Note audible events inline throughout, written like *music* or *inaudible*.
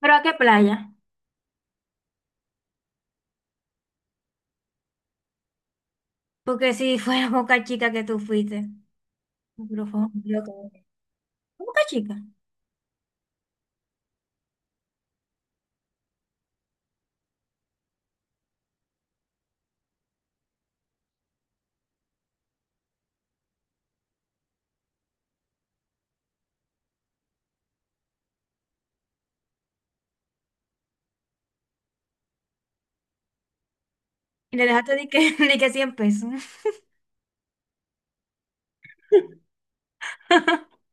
¿Pero a qué playa? Porque si fuera *laughs* Boca Chica que tú fuiste. No, pero fue un lío Boca Chica. Y le dejaste de que, *laughs* de que 100 pesos. *laughs*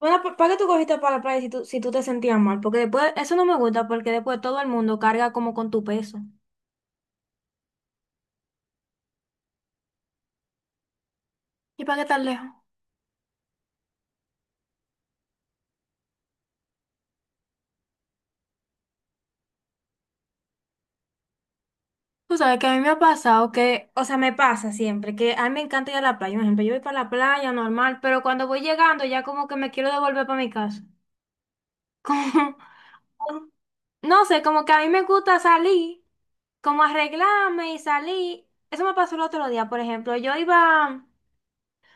Bueno, ¿Por qué tú cogiste para la playa si tú, si tú te sentías mal? Porque después, eso no me gusta porque después todo el mundo carga como con tu peso. ¿Y para qué tan lejos? Tú sabes que a mí me ha pasado que, o sea, me pasa siempre, que a mí me encanta ir a la playa. Por ejemplo, yo voy para la playa normal, pero cuando voy llegando ya como que me quiero devolver para mi casa. *laughs* Como, no sé, como que a mí me gusta salir, como arreglarme y salí. Eso me pasó el otro día, por ejemplo. Yo iba, o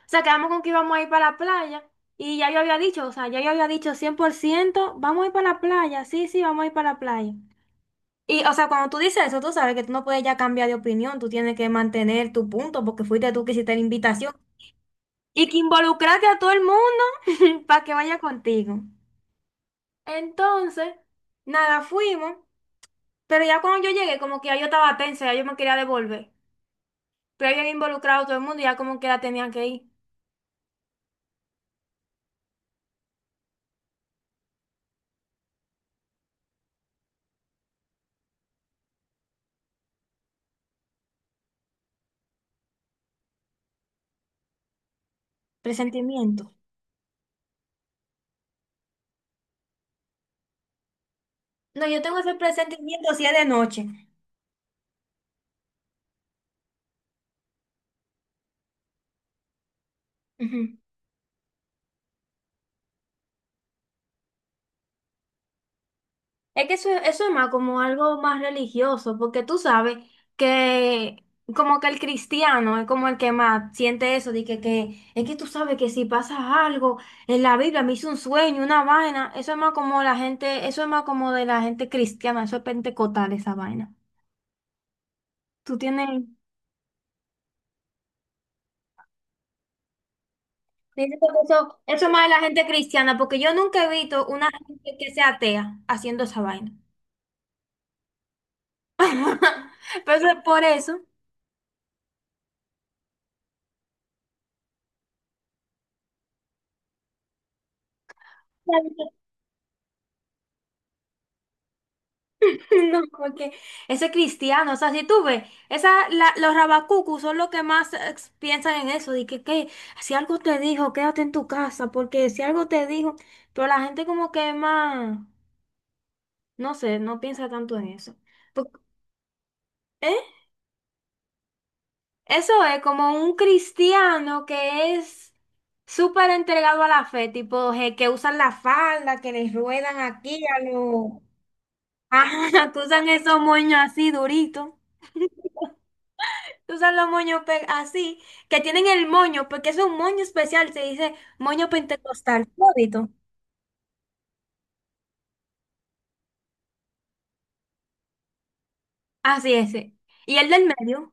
sea, quedamos con que íbamos a ir para la playa y ya yo había dicho, o sea, ya yo había dicho 100% vamos a ir para la playa, sí, sí, vamos a ir para la playa. Y, o sea, cuando tú dices eso, tú sabes que tú no puedes ya cambiar de opinión, tú tienes que mantener tu punto porque fuiste tú que hiciste la invitación y que involucraste a todo el mundo *laughs* para que vaya contigo. Entonces, nada, fuimos, pero ya cuando yo llegué, como que ya yo estaba tensa, ya yo me quería devolver. Pero habían involucrado a todo el mundo y ya como que la tenían que ir. Presentimiento. No, yo tengo ese presentimiento si es de noche. Ujú. Es que eso es más como algo más religioso, porque tú sabes que como que el cristiano es como el que más siente eso, de que es que tú sabes que si pasa algo en la Biblia, me hizo un sueño, una vaina, eso es más como la gente, eso es más como de la gente cristiana, eso es pentecostal esa vaina. ¿Tú tienes? Dice que eso es más de la gente cristiana, porque yo nunca he visto una gente que sea atea haciendo esa vaina. *laughs* Pero eso es por eso. *laughs* No, porque ese es cristiano, o sea, si tú ves, esa, los rabacucus son los que más piensan en eso, de que si algo te dijo, quédate en tu casa, porque si algo te dijo, pero la gente como que es más, no sé, no piensa tanto en eso. Porque, ¿eh? Eso es como un cristiano que es súper entregado a la fe, tipo que usan la falda, que les ruedan aquí a los... *laughs* Ajá, que usan esos moños así duritos, que usan los moños así, que tienen el moño, porque es un moño especial, se dice moño pentecostal, todito. Así ese y el del medio.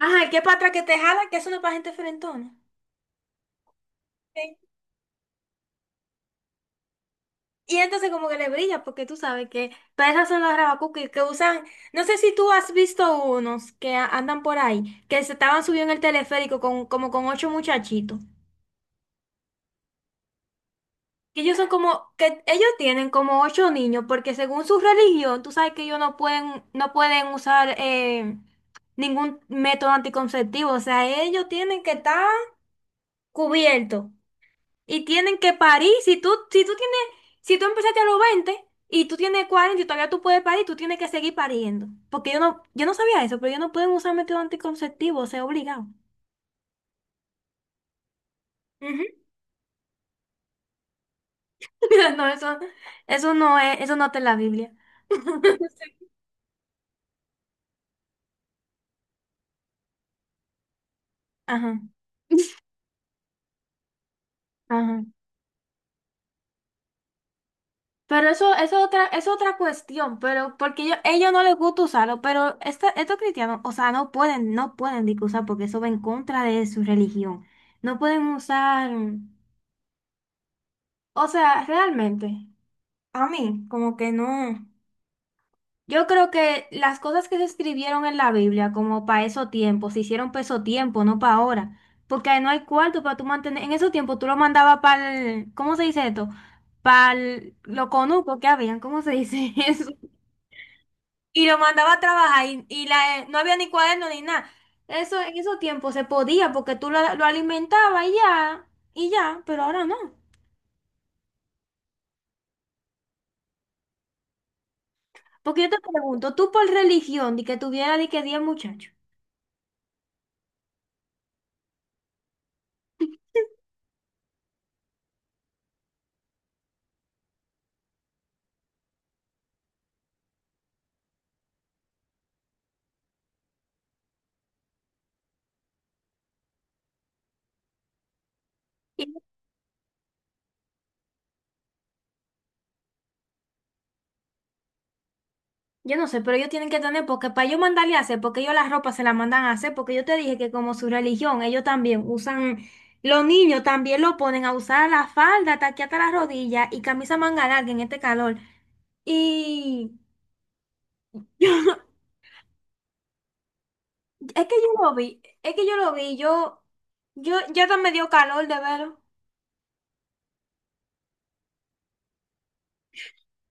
Ajá, el que para atrás que te jala, que eso no es para gente frentona. Ok. Y entonces como que le brilla, porque tú sabes que para esas son las rabacuquis que usan, no sé si tú has visto unos que andan por ahí, que se estaban subiendo en el teleférico con, como con ocho muchachitos. Que ellos son como, que ellos tienen como ocho niños, porque según su religión, tú sabes que ellos no pueden, no pueden usar ningún método anticonceptivo. O sea, ellos tienen que estar cubiertos. Y tienen que parir. Si tú, si tú tienes, si tú empezaste a los 20 y tú tienes 40 y todavía tú puedes parir, tú tienes que seguir pariendo. Porque yo no sabía eso, pero ellos no pueden usar método anticonceptivo, o sea, obligado. Ujú. *laughs* No, eso no es, eso no está en la Biblia. *laughs* Ajá, ajá. Pero eso es otra cuestión, pero porque ellos no les gusta usarlo, pero estos cristianos, o sea, no pueden, no pueden ni que usar porque eso va en contra de su religión. No pueden usar, o sea, realmente. A mí, como que no. Yo creo que las cosas que se escribieron en la Biblia, como para esos tiempos, se hicieron para esos tiempos, no para ahora. Porque ahí no hay cuarto para tú mantener. En esos tiempos tú lo mandabas para el. ¿Cómo se dice esto? Para los conucos que habían, ¿cómo se dice *laughs* eso? Y lo mandaba a trabajar y la, no había ni cuaderno ni nada. Eso en esos tiempos se podía porque tú lo alimentabas y ya, pero ahora no. Porque yo te pregunto, tú por religión, de que tuviera de que 10 muchachos. Yo no sé, pero ellos tienen que tener, porque para yo mandarle a hacer, porque ellos las ropas se las mandan a hacer, porque yo te dije que como su religión, ellos también usan, los niños también lo ponen a usar la falda, hasta aquí hasta las rodillas y camisa manga larga en este calor. Y *laughs* yo, no, es que yo lo vi, yo hasta me dio calor de verlo,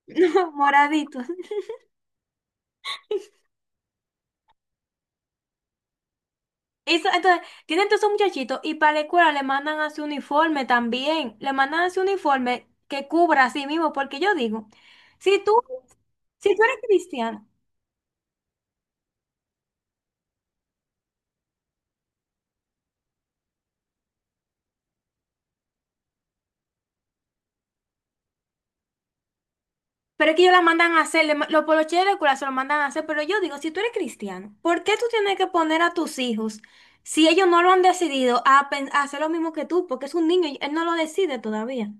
*laughs* no, moradito. Eso, entonces, tienen todos esos muchachitos y para la escuela le mandan a su uniforme también, le mandan a su uniforme que cubra a sí mismo, porque yo digo, si tú Si tú eres cristiano, pero es que ellos la mandan a hacer, los poloches de la escuela se lo mandan a hacer, pero yo digo, si tú eres cristiano, ¿por qué tú tienes que poner a tus hijos, si ellos no lo han decidido, a, a hacer lo mismo que tú? Porque es un niño y él no lo decide todavía.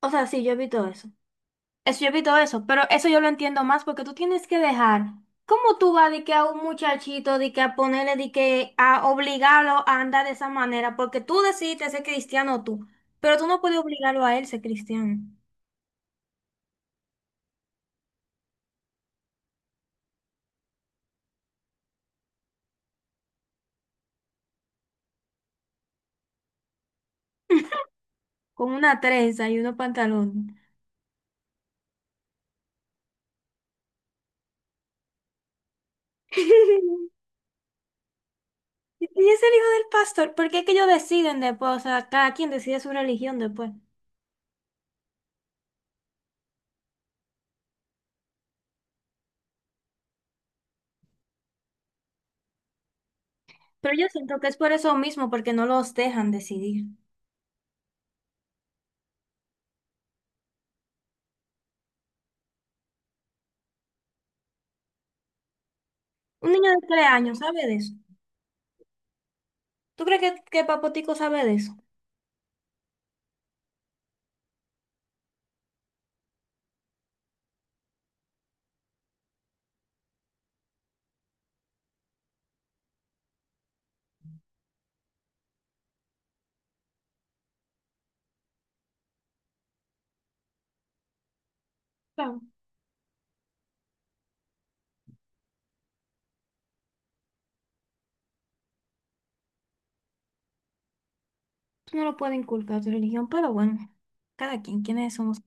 O sea, sí, yo evito eso. Eso yo evito eso, pero eso yo lo entiendo más porque tú tienes que dejar. ¿Cómo tú vas de que a un muchachito, de que a ponerle, de que a obligarlo a andar de esa manera? Porque tú decidiste ser cristiano tú, pero tú no puedes obligarlo a él ser cristiano. Con una trenza y unos pantalones. *laughs* Y es el hijo del pastor, porque es que ellos deciden después, o sea, cada quien decide su religión después. Pero yo siento que es por eso mismo, porque no los dejan decidir. Un niño de 3 años sabe de eso. ¿Tú crees que Papotico sabe de eso? Claro, tú no lo puedes inculcar a tu religión, pero bueno, cada quien, quiénes somos